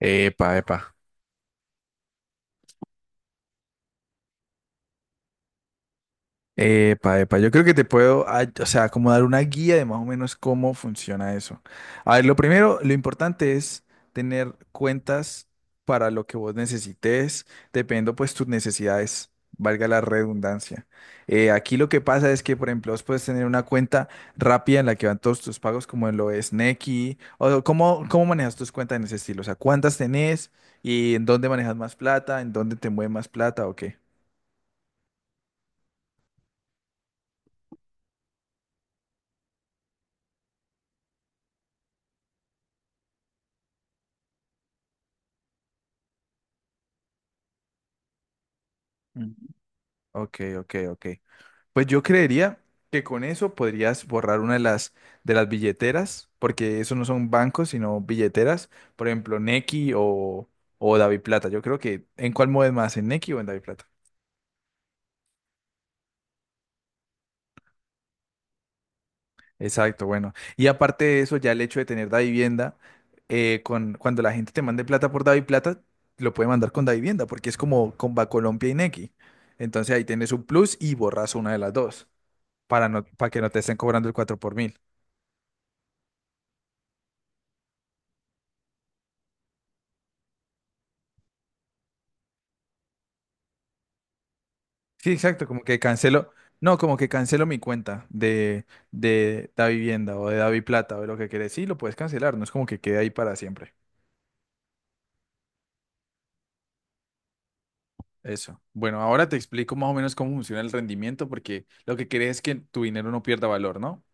Epa, epa. Epa, epa. Yo creo que te puedo, o sea, como dar una guía de más o menos cómo funciona eso. A ver, lo primero, lo importante es tener cuentas para lo que vos necesites, dependiendo pues tus necesidades, valga la redundancia. Aquí lo que pasa es que, por ejemplo, vos puedes tener una cuenta rápida en la que van todos tus pagos, como lo es Nequi, o cómo manejas tus cuentas en ese estilo, o sea, cuántas tenés y en dónde manejas más plata, en dónde te mueve más plata o qué. Ok, ok, ok. Pues yo creería que con eso podrías borrar una de las billeteras, porque eso no son bancos, sino billeteras. Por ejemplo, Nequi o Daviplata. Yo creo que, ¿en cuál mueves más? ¿En Nequi o en Daviplata? Exacto, bueno. Y aparte de eso, ya el hecho de tener Davivienda, cuando la gente te mande plata por Daviplata, lo puede mandar con Davivienda, porque es como con Bancolombia y Nequi. Entonces ahí tienes un plus y borras una de las dos, para, no, para que no te estén cobrando el 4 por mil. Sí, exacto, como que cancelo, no, como que cancelo mi cuenta de Da Vivienda o de Davi Plata o de lo que quieres. Sí, lo puedes cancelar, no es como que quede ahí para siempre. Eso. Bueno, ahora te explico más o menos cómo funciona el rendimiento, porque lo que querés es que tu dinero no pierda valor, ¿no?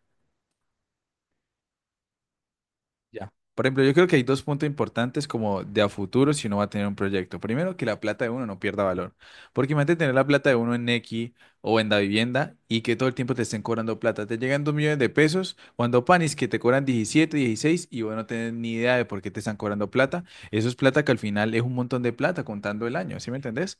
Ya. Por ejemplo, yo creo que hay dos puntos importantes como de a futuro si uno va a tener un proyecto. Primero, que la plata de uno no pierda valor. Porque imagínate tener la plata de uno en Nequi o en Davivienda y que todo el tiempo te estén cobrando plata. Te llegan 2 millones de pesos cuando panis que te cobran 17, 16 y vos no tenés ni idea de por qué te están cobrando plata. Eso es plata que al final es un montón de plata contando el año, ¿sí me entendés?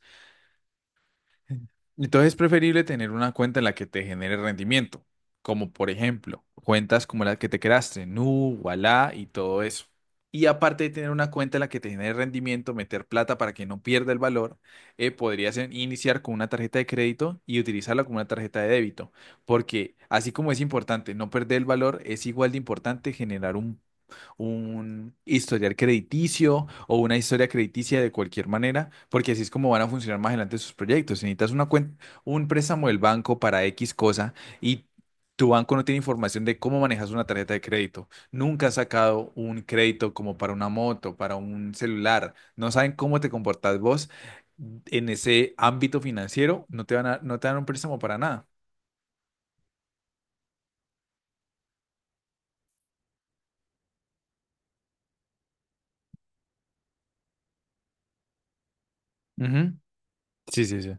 Entonces es preferible tener una cuenta en la que te genere rendimiento, como por ejemplo cuentas como la que te creaste, Nu, Ualá y todo eso. Y aparte de tener una cuenta en la que te genere rendimiento, meter plata para que no pierda el valor, podrías iniciar con una tarjeta de crédito y utilizarla como una tarjeta de débito, porque así como es importante no perder el valor, es igual de importante generar un historial crediticio o una historia crediticia de cualquier manera, porque así es como van a funcionar más adelante sus proyectos. Si necesitas una un préstamo del banco para X cosa y tu banco no tiene información de cómo manejas una tarjeta de crédito, nunca has sacado un crédito como para una moto, para un celular, no saben cómo te comportas vos en ese ámbito financiero, no te van a, no te dan un préstamo para nada. Ujú. Sí, sí, sí.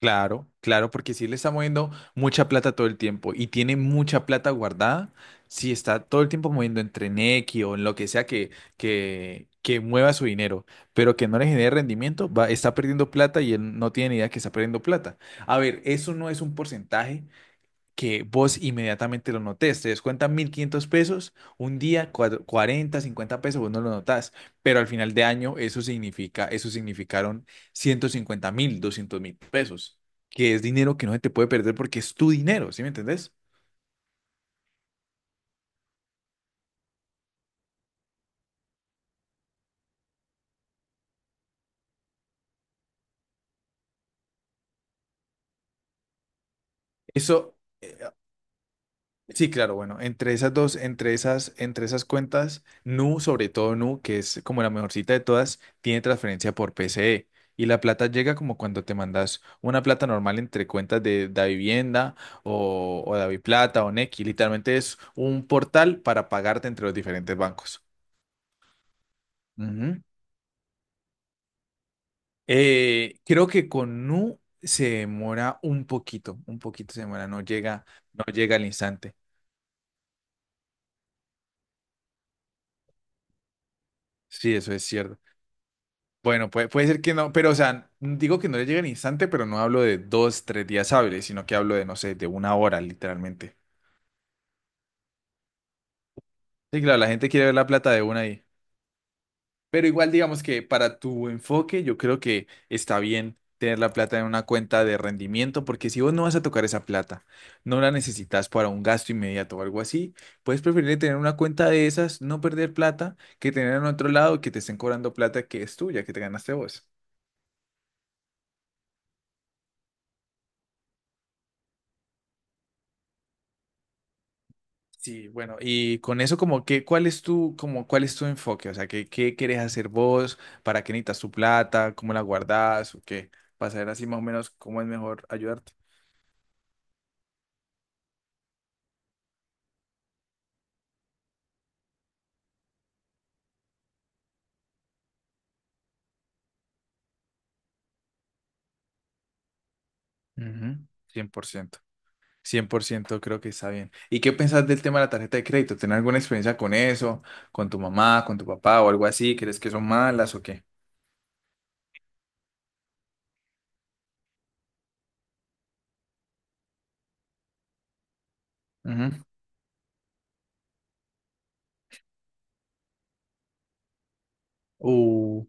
Claro, claro, porque si le está moviendo mucha plata todo el tiempo y tiene mucha plata guardada, si está todo el tiempo moviendo entre Nequi o en lo que sea que mueva su dinero, pero que no le genere rendimiento, va, está perdiendo plata y él no tiene ni idea que está perdiendo plata. A ver, eso no es un porcentaje, que vos inmediatamente lo notés. Te descuentan 1.500 pesos, un día 40, 50 pesos, vos no lo notás, pero al final de año eso significa, eso significaron 150.000, 200.000 pesos, que es dinero que no se te puede perder porque es tu dinero, ¿sí me entendés? Eso. Sí, claro, bueno, entre esas dos, entre esas cuentas, Nu, sobre todo Nu, que es como la mejorcita de todas, tiene transferencia por PCE. Y la plata llega como cuando te mandas una plata normal entre cuentas de Davivienda o DaviPlata o Nequi. Literalmente es un portal para pagarte entre los diferentes bancos. Ujú. Creo que con Nu se demora un poquito se demora, no llega, no llega al instante. Sí, eso es cierto. Bueno, puede ser que no, pero o sea, digo que no le llega al instante, pero no hablo de dos, tres días hábiles, sino que hablo de, no sé, de una hora, literalmente. Sí, claro, la gente quiere ver la plata de una ahí. Pero igual, digamos que para tu enfoque, yo creo que está bien tener la plata en una cuenta de rendimiento, porque si vos no vas a tocar esa plata, no la necesitas para un gasto inmediato o algo así, puedes preferir tener una cuenta de esas, no perder plata, que tener en otro lado que te estén cobrando plata que es tuya, que te ganaste vos. Sí, bueno, y con eso como que, ¿cuál es tu enfoque? O sea, ¿qué quieres hacer vos? ¿Para qué necesitas tu plata? ¿Cómo la guardás? ¿O qué? Para saber así más o menos cómo es mejor ayudarte. Ujú, 100%, 100% creo que está bien. ¿Y qué pensás del tema de la tarjeta de crédito? ¿Tenés alguna experiencia con eso? ¿Con tu mamá, con tu papá o algo así? ¿Crees que son malas o qué? Ujú. Uh,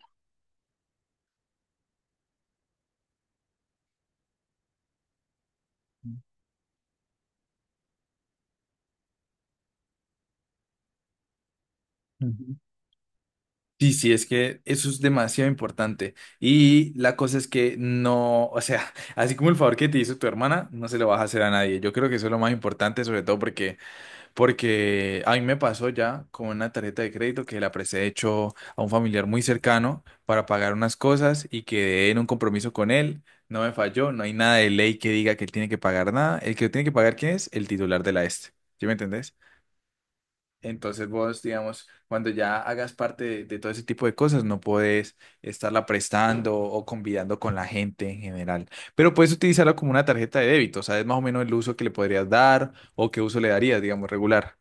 ujú. Sí, sí, es que eso es demasiado importante. Y la cosa es que no, o sea, así como el favor que te hizo tu hermana, no se lo vas a hacer a nadie. Yo creo que eso es lo más importante, sobre todo porque, porque a mí me pasó ya con una tarjeta de crédito que la presté, de hecho, a un familiar muy cercano para pagar unas cosas y quedé en un compromiso con él. No me falló, no hay nada de ley que diga que él tiene que pagar nada. El que tiene que pagar, ¿quién es? El titular de la este. ¿Sí me entendés? Entonces vos, digamos, cuando ya hagas parte de todo ese tipo de cosas, no podés estarla prestando o convidando con la gente en general. Pero puedes utilizarla como una tarjeta de débito, ¿sabes más o menos el uso que le podrías dar o qué uso le darías, digamos, regular?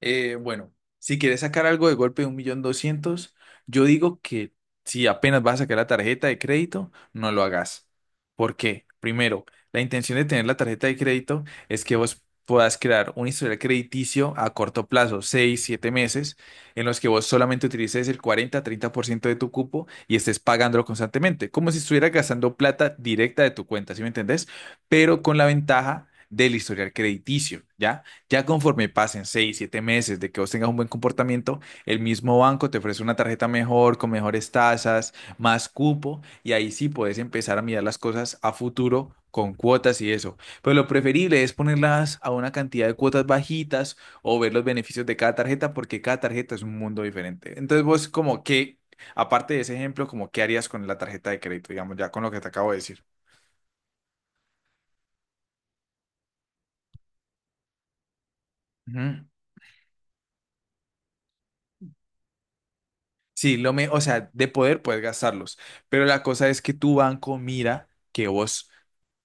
Bueno, si quieres sacar algo de golpe de 1.200.000, yo digo que si apenas vas a sacar la tarjeta de crédito, no lo hagas. ¿Por qué? Primero, la intención de tener la tarjeta de crédito es que vos puedas crear un historial crediticio a corto plazo, 6, 7 meses, en los que vos solamente utilices el 40, 30% de tu cupo y estés pagándolo constantemente, como si estuvieras gastando plata directa de tu cuenta, ¿sí me entendés? Pero con la ventaja del historial crediticio, ¿ya? Ya conforme pasen 6 7 meses de que vos tengas un buen comportamiento, el mismo banco te ofrece una tarjeta mejor, con mejores tasas, más cupo, y ahí sí puedes empezar a mirar las cosas a futuro con cuotas y eso. Pero lo preferible es ponerlas a una cantidad de cuotas bajitas o ver los beneficios de cada tarjeta, porque cada tarjeta es un mundo diferente. Entonces vos como que, aparte de ese ejemplo, como qué harías con la tarjeta de crédito, digamos, ya con lo que te acabo de decir. Ujú. Sí, lo me, o sea, de poder puedes gastarlos, pero la cosa es que tu banco mira que vos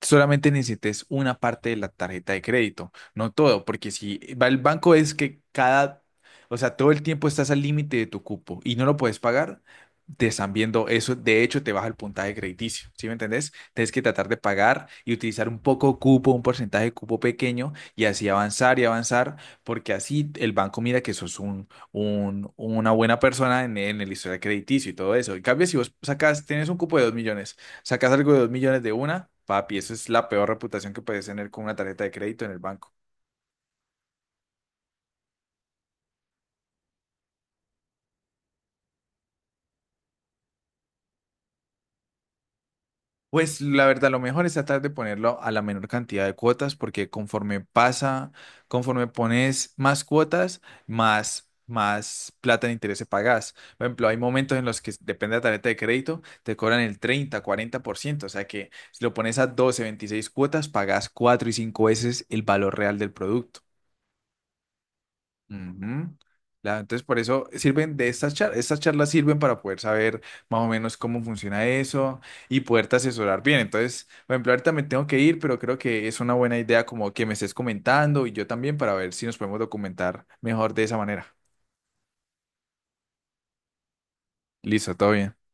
solamente necesites una parte de la tarjeta de crédito, no todo, porque si va el banco es que cada, o sea, todo el tiempo estás al límite de tu cupo y no lo puedes pagar, te están viendo eso, de hecho te baja el puntaje crediticio, ¿sí me entendés? Tienes que tratar de pagar y utilizar un poco de cupo, un porcentaje de cupo pequeño y así avanzar y avanzar, porque así el banco mira que sos un una buena persona en el historial crediticio y todo eso. En cambio, si vos sacas, tienes un cupo de 2 millones, sacas algo de 2 millones de una, papi, eso es la peor reputación que puedes tener con una tarjeta de crédito en el banco. Pues la verdad, lo mejor es tratar de ponerlo a la menor cantidad de cuotas, porque conforme pasa, conforme pones más cuotas, más plata de interés se pagas. Por ejemplo, hay momentos en los que depende de la tarjeta de crédito, te cobran el 30, 40%, o sea que si lo pones a 12, 26 cuotas, pagas 4 y 5 veces el valor real del producto. Ujú. Entonces, por eso sirven de estas charlas. Estas charlas sirven para poder saber más o menos cómo funciona eso y poderte asesorar bien. Entonces, por ejemplo, ahorita me tengo que ir, pero creo que es una buena idea como que me estés comentando y yo también para ver si nos podemos documentar mejor de esa manera. Listo, todo bien.